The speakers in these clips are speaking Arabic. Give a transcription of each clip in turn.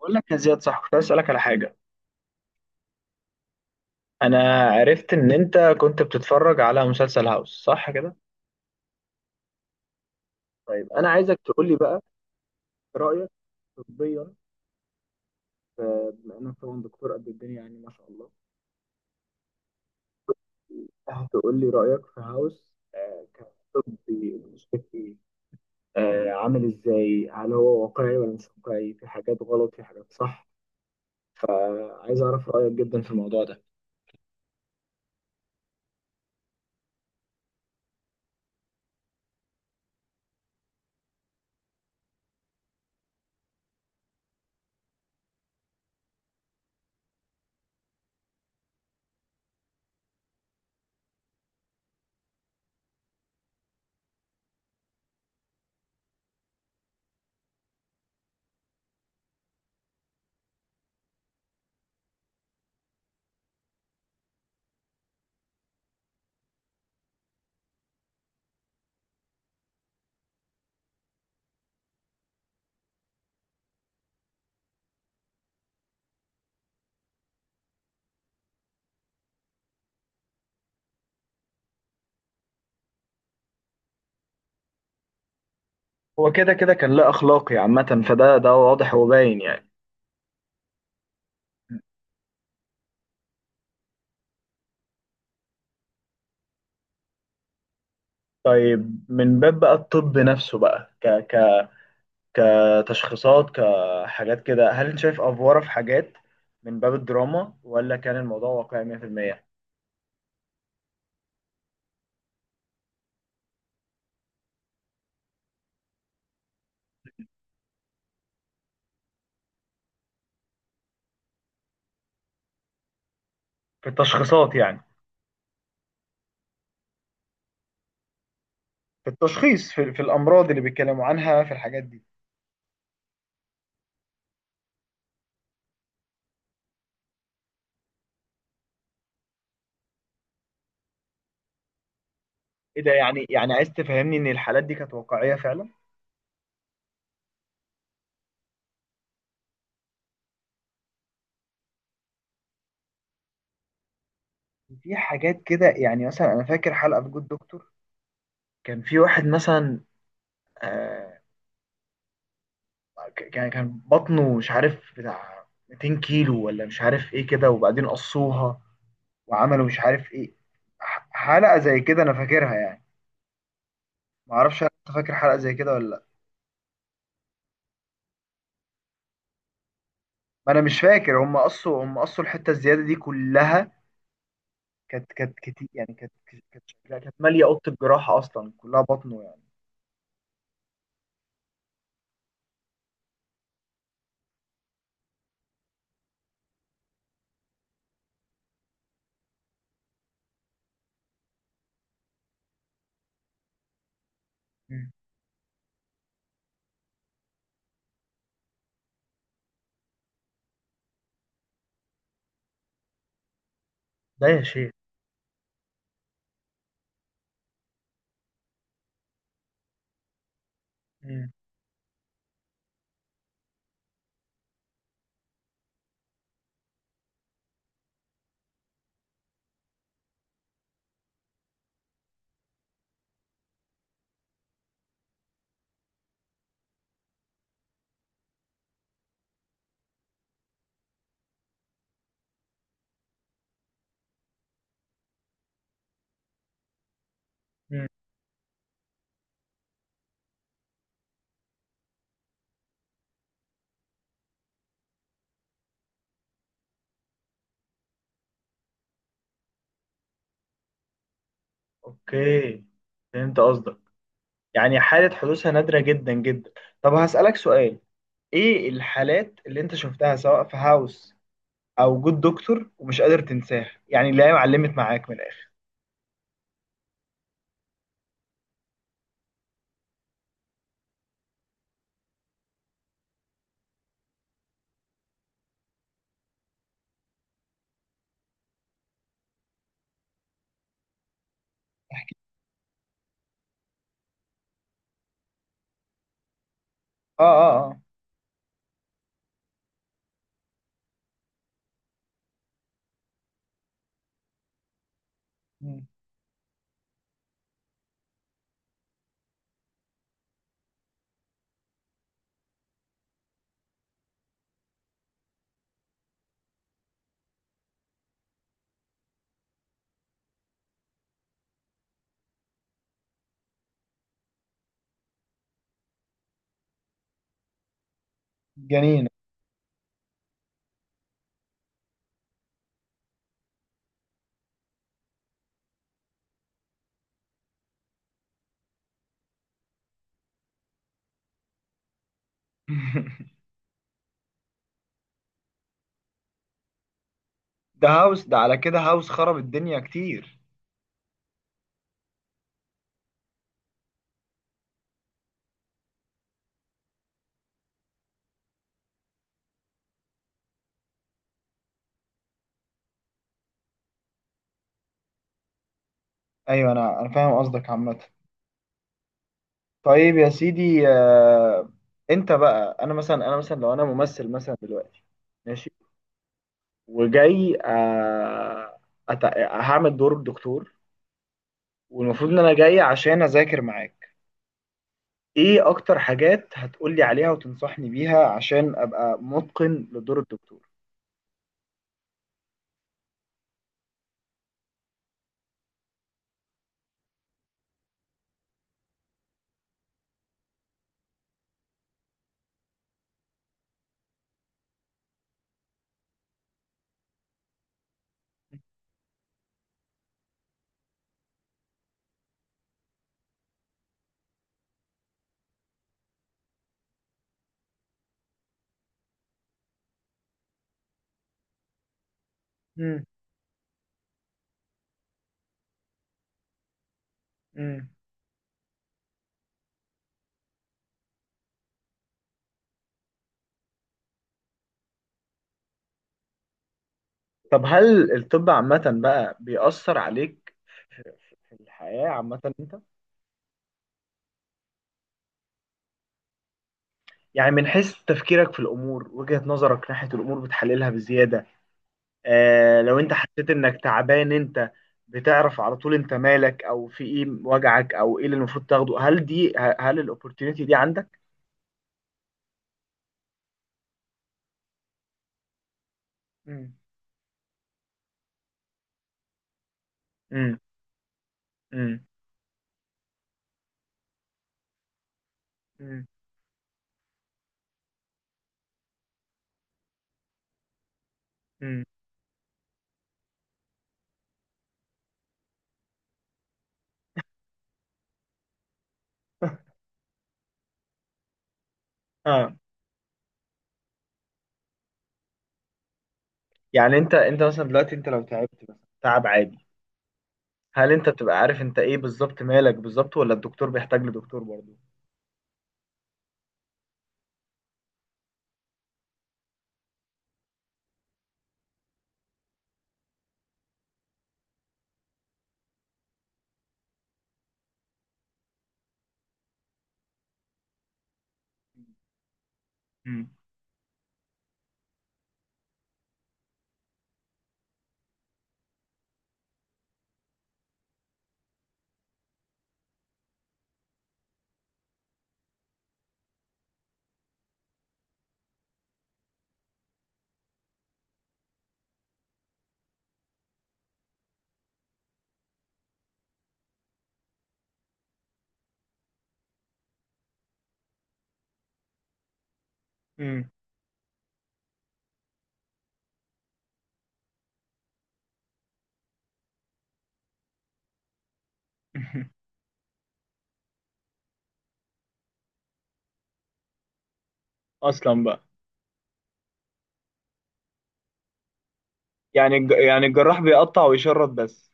بقول لك يا زياد، صح كنت عايز اسالك على حاجه. انا عرفت ان انت كنت بتتفرج على مسلسل هاوس، صح كده؟ طيب انا عايزك تقول لي بقى رايك طبيا. بما انك طبعا دكتور قد الدنيا، يعني ما شاء الله، هتقول لي رايك في هاوس. آه، كطبي مشكلتي. عامل ازاي؟ هل هو واقعي ولا مش واقعي؟ في حاجات غلط، في حاجات صح؟ فعايز اعرف رايك جدا في الموضوع ده. هو كده كان لا اخلاقي عامه، فده واضح وباين يعني. طيب، من باب بقى الطب نفسه بقى، ك ك كتشخيصات كحاجات كده، هل انت شايف افواره في حاجات؟ من باب الدراما ولا كان الموضوع واقعي 100% في المية؟ في التشخيصات يعني، في التشخيص، في الامراض اللي بيتكلموا عنها، في الحاجات دي. ايه ده يعني؟ عايز تفهمني ان الحالات دي كانت واقعيه فعلا؟ في حاجات كده يعني، مثلا انا فاكر حلقه في جود دكتور، كان في واحد مثلا، آه، كان بطنه مش عارف بتاع 200 كيلو ولا مش عارف ايه كده، وبعدين قصوها وعملوا مش عارف ايه. حلقة زي كده انا فاكرها يعني. ما اعرفش هل انت فاكر حلقة زي كده ولا لا. ما انا مش فاكر، هم قصوا الحتة الزيادة دي كلها، كانت كتير يعني، كانت شكلها كانت مالية أوضة الجراحة أصلا كلها بطنه يعني. مم. ده يا شيخ. مم. مم. اوكي، فهمت قصدك. يعني حالة حدوثها نادرة جدا جدا. طب هسألك سؤال: ايه الحالات اللي انت شفتها، سواء في هاوس او جود دكتور، ومش قادر تنساها؟ يعني اللي هي معلمت معاك من الاخر. اه، اه. مم. جنينة. ده هاوس، ده على كده هاوس خرب الدنيا كتير. ايوه، انا فاهم قصدك عامة. طيب يا سيدي، انت بقى، انا مثلا، لو انا ممثل مثلا دلوقتي، ماشي، وجاي أت... هعمل دور الدكتور، والمفروض ان انا جاي عشان اذاكر معاك. ايه اكتر حاجات هتقولي عليها وتنصحني بيها عشان ابقى متقن لدور الدكتور؟ مم. مم. طب هل الطب عامة بقى بيأثر عليك في الحياة عامة أنت؟ يعني من حيث تفكيرك في الأمور، وجهة نظرك ناحية الأمور بتحللها بزيادة. آه، لو أنت حسيت إنك تعبان، أنت بتعرف على طول أنت مالك أو في إيه وجعك أو إيه اللي المفروض تاخده؟ هل دي هل الأوبورتيونيتي دي عندك؟ مم. مم. مم. مم. مم. اه. يعني انت، مثلا دلوقتي انت لو تعبت مثلا تعب عادي، هل انت بتبقى عارف انت ايه بالظبط، مالك بالظبط، ولا الدكتور بيحتاج لدكتور برضه؟ امم امم. اصلا بقى. يعني الجراح بيقطع ويشرط بس؟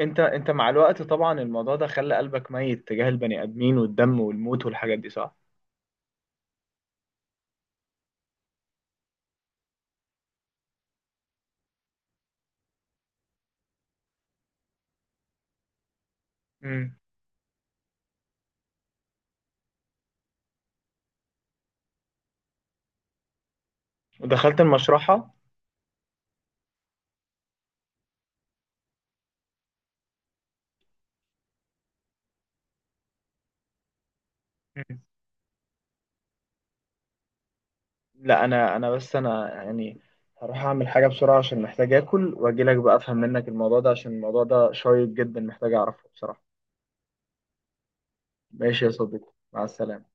انت، مع الوقت طبعا الموضوع ده خلى قلبك ميت تجاه البني ادمين والدم والموت والحاجات دي، صح؟ امم. ودخلت المشرحة. مم. لا، انا، بس انا يعني هروح اعمل حاجة بسرعة عشان محتاج اكل، واجي لك بقى افهم منك الموضوع ده، عشان الموضوع ده شيق جدا، محتاج اعرفه بصراحة. ماشي يا صديقي، مع السلامة.